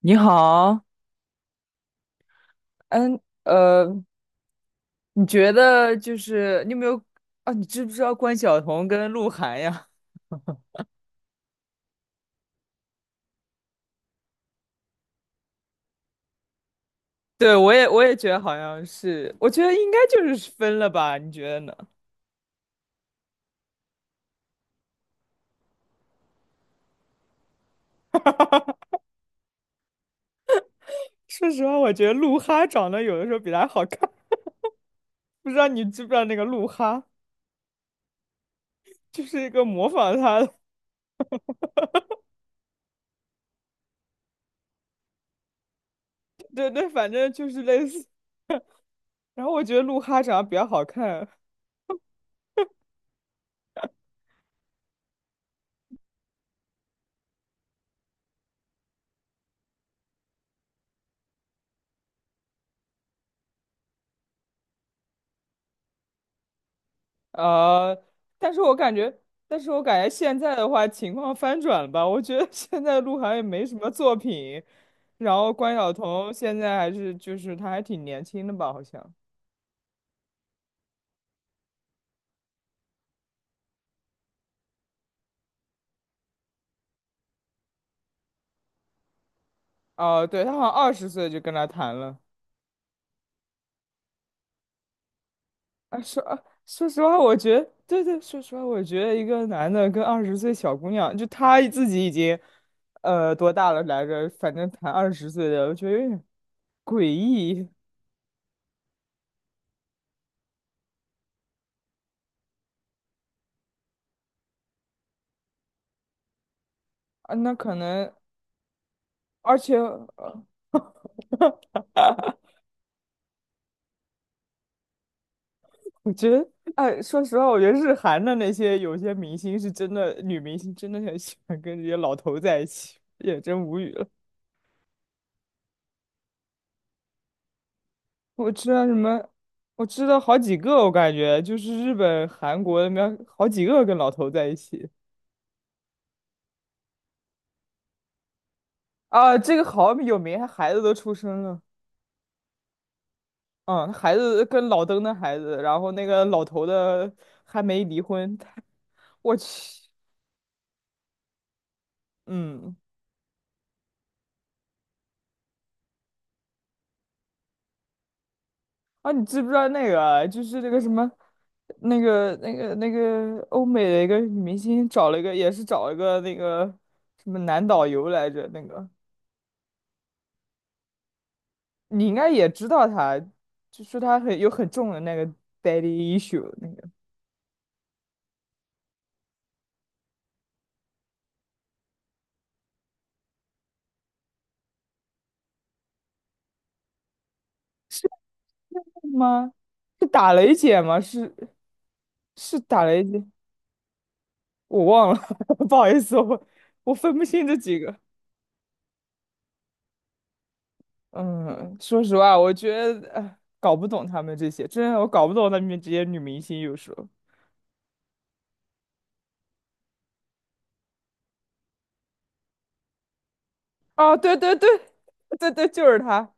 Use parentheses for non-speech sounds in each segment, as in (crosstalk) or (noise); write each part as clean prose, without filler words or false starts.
你好。嗯，呃，你觉得就是你有没有啊？你知不知道关晓彤跟鹿晗呀？(laughs) 对，我也觉得好像是，我觉得应该就是分了吧？你觉得呢？说实话，我觉得鹿哈长得有的时候比他好看。(laughs) 不知道你知不知道那个鹿哈，就是一个模仿他的。(laughs) 对对，反正就是类似。然后我觉得鹿哈长得比较好看。呃，但是我感觉，但是我感觉现在的话情况翻转了吧？我觉得现在鹿晗也没什么作品，然后关晓彤现在还是就是她还挺年轻的吧？好像，哦、对，她好像二十岁就跟他谈了。啊，说啊说实话，我觉得，对对，说实话，我觉得一个男的跟二十岁小姑娘，就他自己已经，多大了来着？反正谈二十岁的，我觉得有点诡异啊。那可能，而且。我觉得，哎，说实话，我觉得日韩的那些有些明星是真的，女明星真的很喜欢跟这些老头在一起，也真无语了。我知道什么，我知道好几个，我感觉就是日本、韩国那边好几个跟老头在一起啊。这个好有名，他孩子都出生了。嗯，孩子跟老登的孩子，然后那个老头的还没离婚，他我去。嗯，啊，你知不知道那个啊就是那个什么，那个欧美的一个女明星找了一个，也是找了一个那个什么男导游来着。那个你应该也知道他，就说他很有很重的那个 daddy issue 那个是吗？是打雷姐吗？是是打雷姐，我忘了。(laughs) 不好意思，我分不清这几个。嗯，说实话，我觉得哎搞不懂他们这些，真的我搞不懂他们这些女明星有时候。哦，对对对，对对，就是他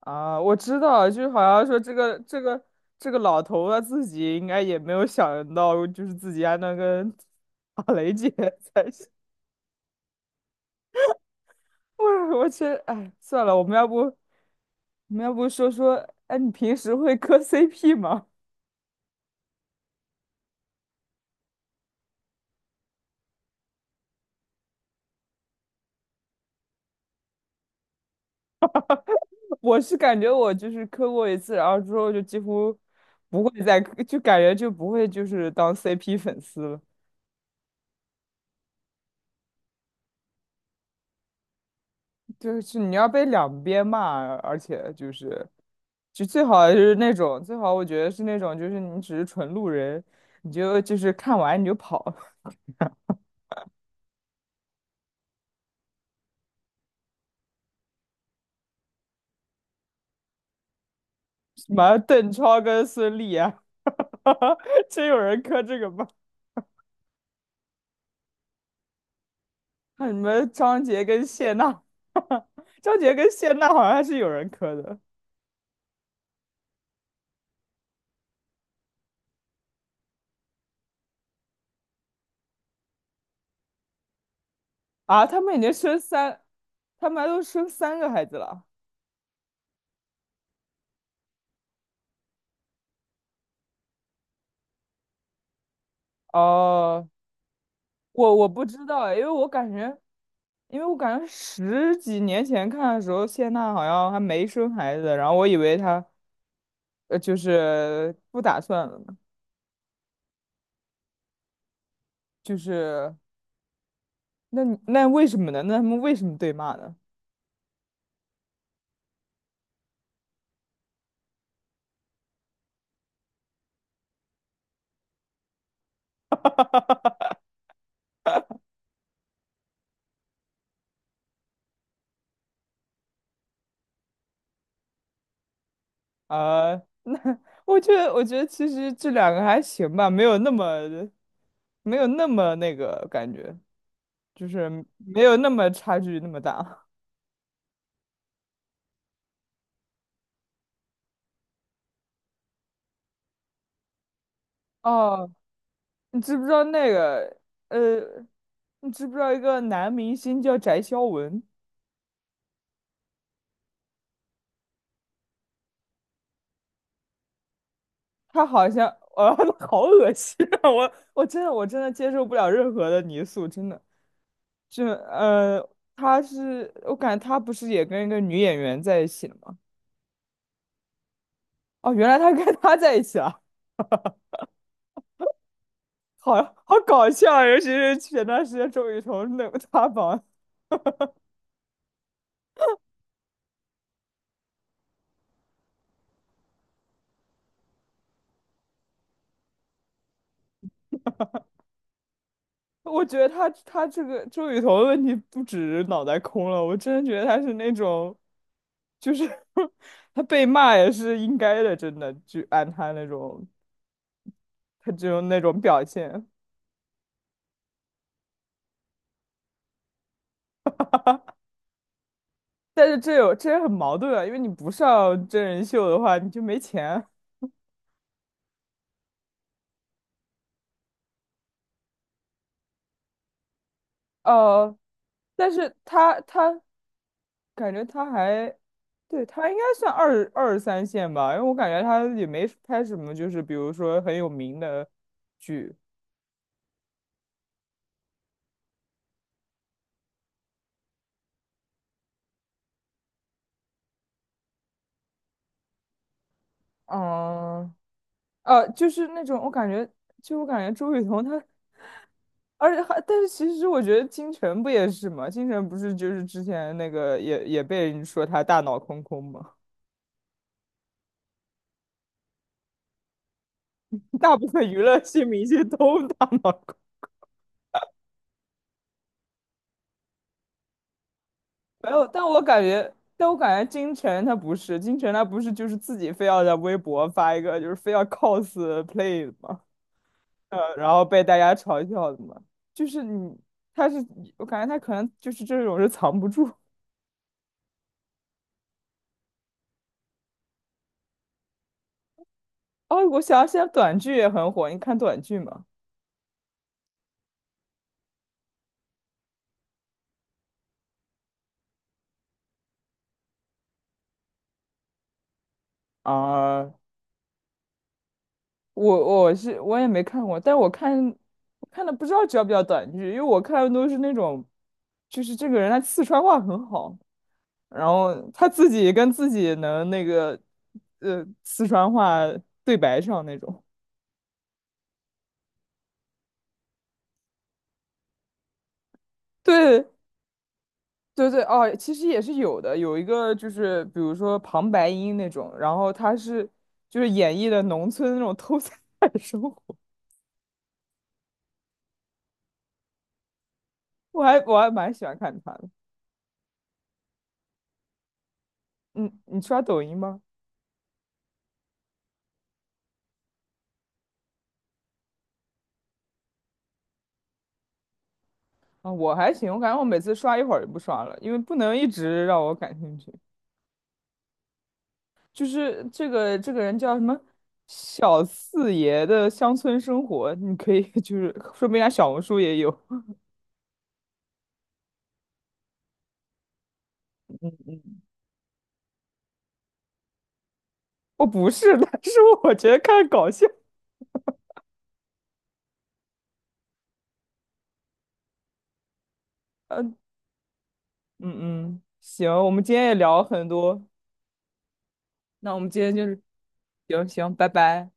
啊！我知道，就是好像说这个老头他自己应该也没有想到，就是自己还能跟打雷姐 (laughs) 在一起。我真哎，算了，我们要不说说，哎，你平时会磕 CP 吗？(laughs) 我是感觉我就是磕过一次，然后之后就几乎不会再磕，就感觉就不会就是当 CP 粉丝了。就是你要被两边骂，而且就是。就最好就是那种，最好我觉得是那种，就是你只是纯路人，你就就是看完你就跑。(laughs) 什么邓超跟孙俪啊，(laughs) 真有人磕这个吗？那你们张杰跟谢娜，(laughs) 张杰跟谢娜好像还是有人磕的啊，他们已经生三，他们还都生三个孩子了。哦，我不知道哎，因为我感觉，因为我感觉十几年前看的时候，谢娜好像还没生孩子，然后我以为她。就是不打算了呢就是那你那为什么呢？那他们为什么对骂呢？啊，那 (laughs) 我觉得，我觉得其实这两个还行吧，没有那么没有那么那个感觉，就是没有那么差距那么大。(laughs) 哦，你知不知道那个呃，你知不知道一个男明星叫翟潇闻？他好像，呃，(laughs) 好恶心啊！我我真的我真的接受不了任何的泥塑，真的。就呃，他是我感觉他不是也跟一个女演员在一起了吗？哦，原来他跟他在一起了，好好搞笑啊，尤其是前段时间周雨彤那个塌房。我觉得他这个周雨彤的问题不止脑袋空了，我真的觉得他是那种就是 (laughs) 他被骂也是应该的，真的，就按他那种他这种那种表现。但是这有这也很矛盾啊，因为你不上真人秀的话，你就没钱。呃，但是他感觉他还，对，他应该算二三线吧，因为我感觉他也没拍什么，就是比如说很有名的剧。嗯，就是那种我感觉，就我感觉周雨彤她，而且还，但是其实我觉得金晨不也是吗？金晨不是就是之前那个也被人说她大脑空空吗？(laughs) 大部分娱乐系明星都大脑空没有，但我感觉，但我感觉金晨她不是，金晨她不是就是自己非要在微博发一个，就是非要 cos play 的嘛。然后被大家嘲笑的嘛，就是你，他是，我感觉他可能就是这种是藏不住。哦，我想现在短剧也很火，你看短剧吗？啊、我也没看过，但我看我看的不知道叫不叫短剧，因为我看的都是那种，就是这个人他四川话很好。然后他自己跟自己能那个，四川话对白上那种。对对对，哦，其实也是有的，有一个就是比如说旁白音那种，然后他是就是演绎的农村那种偷菜的生活。(laughs) 我还蛮喜欢看他的。嗯，你刷抖音吗？啊，我还行，我感觉我每次刷一会儿就不刷了，因为不能一直让我感兴趣。就是这个人叫什么小四爷的乡村生活，你可以 (laughs) 就是说不定人家小红书也有。哦，不是的，(laughs) 是我觉得看搞笑。嗯嗯嗯，行，我们今天也聊了很多，那我们今天就是行行，拜拜。